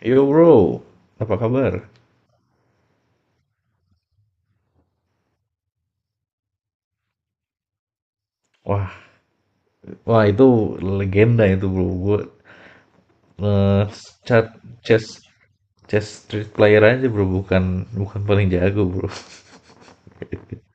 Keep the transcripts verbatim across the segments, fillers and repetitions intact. Hey, Yo bro, apa kabar? Wah, wah itu legenda itu bro. Gue eh, chat chess chess street player aja bro, bukan bukan paling jago bro.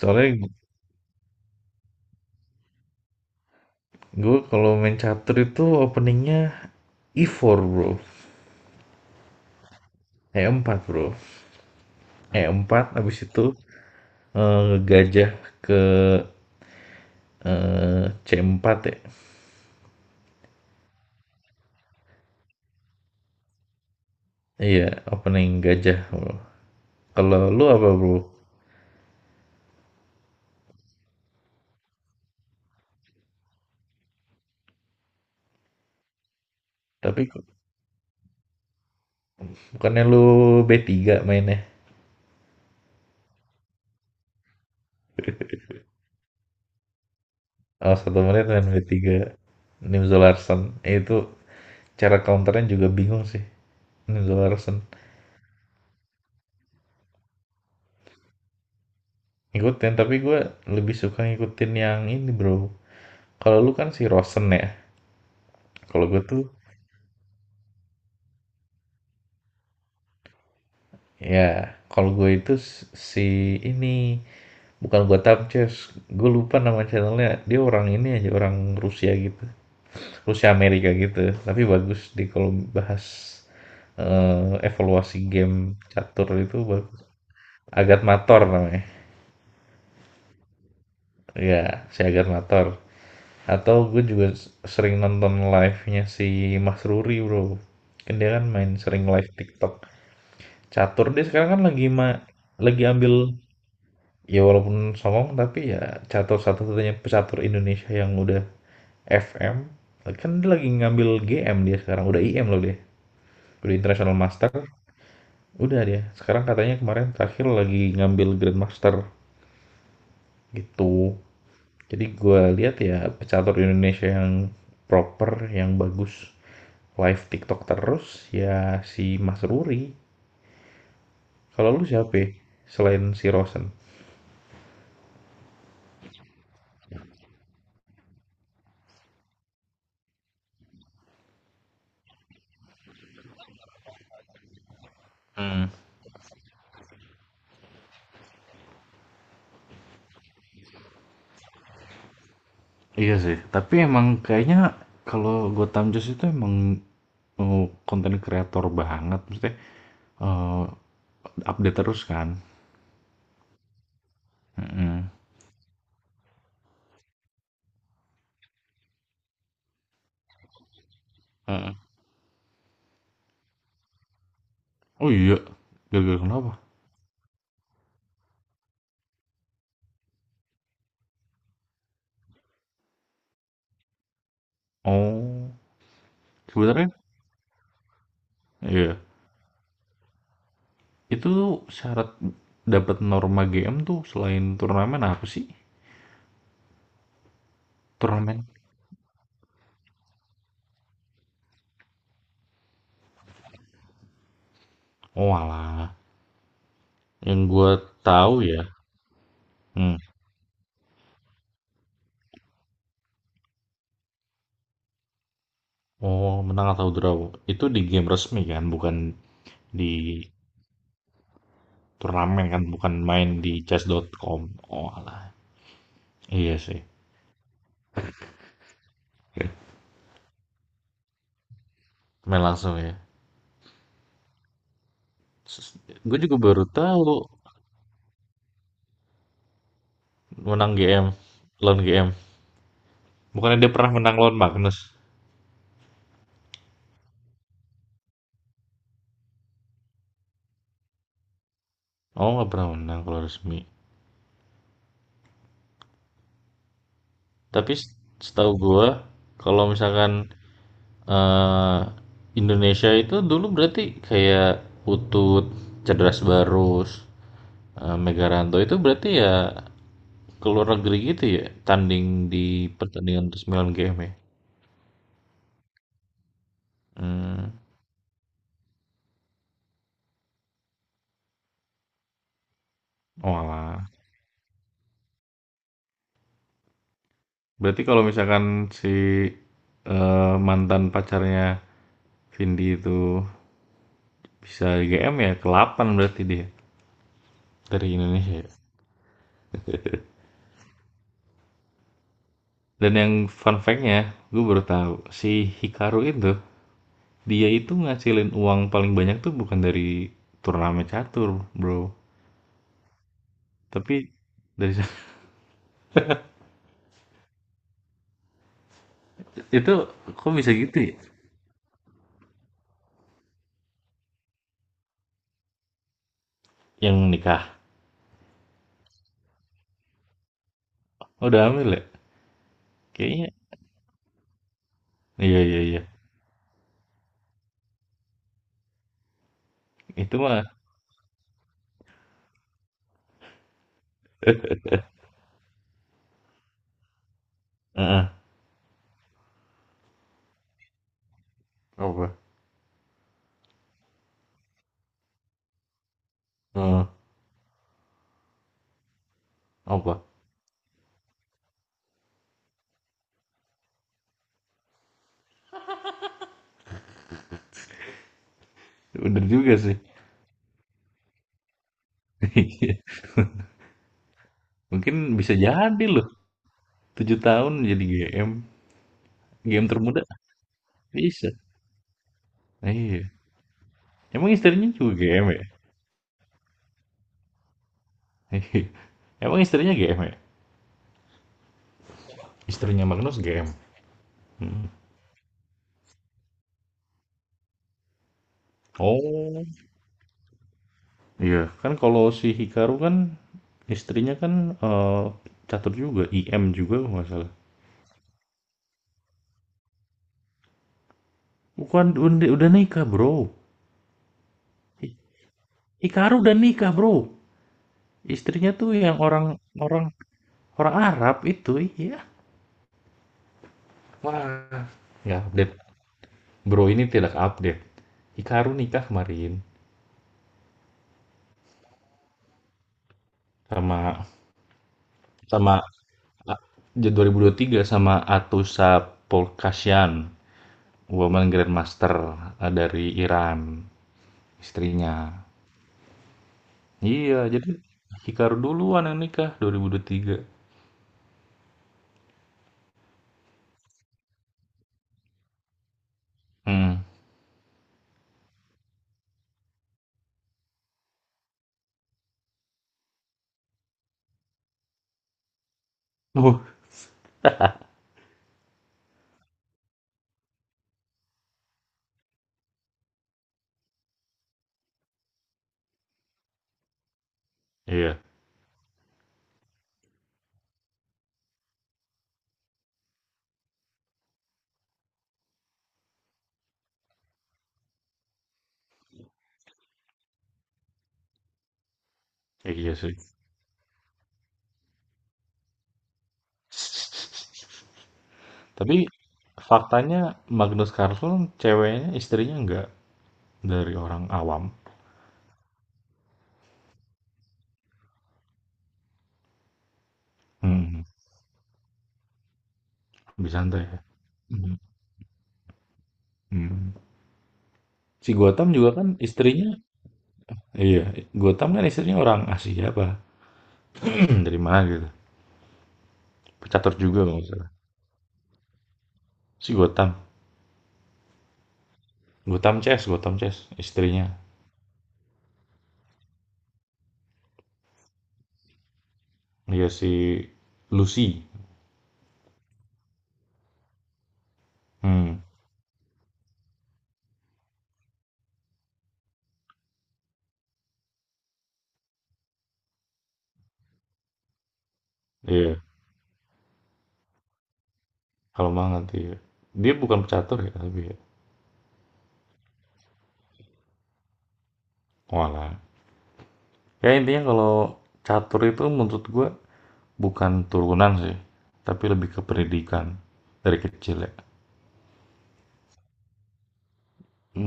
Soalnya gue kalau main catur itu openingnya e empat bro, e empat bro, e empat abis itu eh, gajah ke eh, c empat ya. Iya, opening gajah bro. Kalau lu apa bro? Tapi bukannya lu b tiga mainnya? Oh, satu menit main b tiga. Nim Zolarsen. Eh, itu cara counternya juga bingung sih. Nim Zolarsen. Ngikutin, tapi gue lebih suka ngikutin yang ini bro. Kalau lu kan si Rosen ya. Kalau gue tuh, ya kalau gue itu s- si ini. Bukan gue Chess. Gue lupa nama channelnya. Dia orang ini aja, orang Rusia gitu. Rusia Amerika gitu. Tapi bagus di kalau bahas eh, evaluasi game catur itu bagus. Agat Mator namanya. Iya, Siagar Motor. Atau gue juga s- sering nonton live-nya si Mas Ruri, bro. Kan dia kan main sering live TikTok. Catur dia sekarang kan lagi ma lagi ambil ya walaupun songong tapi ya catur satu-satunya pecatur Indonesia yang udah F M. Kan dia lagi ngambil G M dia sekarang, udah I M loh dia. Udah International Master, udah dia. Sekarang katanya kemarin terakhir lagi ngambil Grand Master gitu. Jadi gue lihat ya pecatur Indonesia yang proper, yang bagus live TikTok terus ya si Mas Ruri. Kalau lu siapa ya? Selain si Rosen? Hmm, iya sih, tapi emang kayaknya kalau Gotham Chess itu emang oh, konten uh, kreator banget, maksudnya eh, update terus kan. Mm-mm. Heeh. Oh iya, gara-gara kenapa? Oh, sebenarnya, iya. Itu syarat dapat norma G M tuh selain turnamen apa sih? Turnamen? Oh alah, yang gue tahu ya. Hmm. Oh, menang atau draw. Itu di game resmi kan, bukan di turnamen kan, bukan main di chess dot com. Oh alah, iya sih. Main langsung ya. Gue juga baru tahu menang G M, lawan G M. Bukannya dia pernah menang lawan Magnus. Oh, nggak pernah menang kalau resmi. Tapi s- setahu gue, kalau misalkan Eee, Indonesia itu dulu berarti kayak Putut, Cedras Barus, eee, Megaranto itu berarti ya keluar negeri gitu ya, tanding di pertandingan sembilan game ya? Mmm, oalah. Berarti kalau misalkan si, eee, mantan pacarnya Vindi itu bisa L G M ya kedelapan berarti dia dari Indonesia ya? Dan yang fun fact-nya, gue baru tahu si Hikaru itu dia itu ngasilin uang paling banyak tuh bukan dari turnamen catur, bro. Tapi dari itu kok bisa gitu ya? Yang nikah. Oh, udah hamil ya? Kayaknya. Iya, iya, iya. Itu mah. Heeh. Apa? Heeh. Apa? Bener juga sih. Mungkin bisa jadi loh. Tujuh tahun jadi G M. G M termuda. Bisa. Iya. Emang istrinya juga G M ya? Emang istrinya G M ya? Istrinya Magnus G M. Hmm. Oh. Iya, kan kalau si Hikaru kan istrinya kan, eee, catur juga, I M juga kalau nggak salah. Bukan, udah udah nikah, Bro. Hi Hikaru udah nikah, Bro. Istrinya tuh yang orang orang orang Arab itu, iya. Wah, nggak update, Bro ini tidak update. Hikaru nikah kemarin sama sama a ja tiga sama Atusa Polkasyan, Woman Grandmaster, eee, dari Iran, istrinya. Iya, jadi Hikaru duluan yang nikah dua ribu dua puluh tiga. Mhm. Uh. Iya, eh, iya sih. Tapi faktanya Magnus Carlsen ceweknya, istrinya enggak dari orang awam. Mhm, lebih santai ya. Mhm, mhm. Si Gotham juga kan istrinya iya, Gotham kan istrinya orang Asia apa dari mana gitu. Pecatur juga kalau nggak salah. Si Gotham, Gotham Chess, Gotham Chess istrinya. Iya si Lucy. Mhm, iya. Kalau banget, iya. Dia bukan pecatur ya tapi ya? Oalah. Ya intinya kalau catur itu menurut gue bukan turunan sih, tapi lebih ke pendidikan dari kecil ya.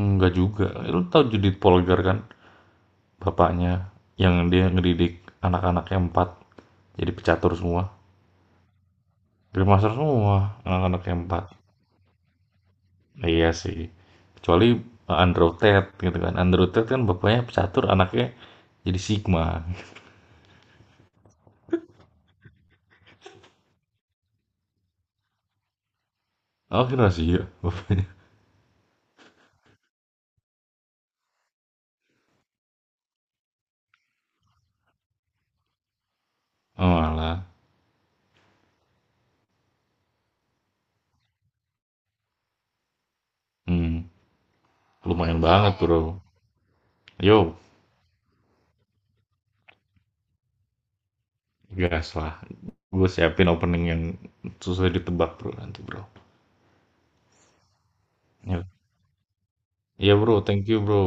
Enggak juga. Lu tahu Judith Polgar kan? Bapaknya yang dia ngedidik anak-anaknya empat jadi pecatur semua. Grandmaster semua anak-anaknya empat. Nah, iya sih. Kecuali uh, Andrew Tate gitu kan. Andrew Tate kan bapaknya pecatur, anaknya jadi Sigma. Oh, kira sih ya bapaknya. Oh, alah. Hmm, lumayan banget, Bro. Yo, gas lah. Gue siapin opening yang susah ditebak, Bro, nanti, Bro. Ya, iya, Bro. Thank you, Bro.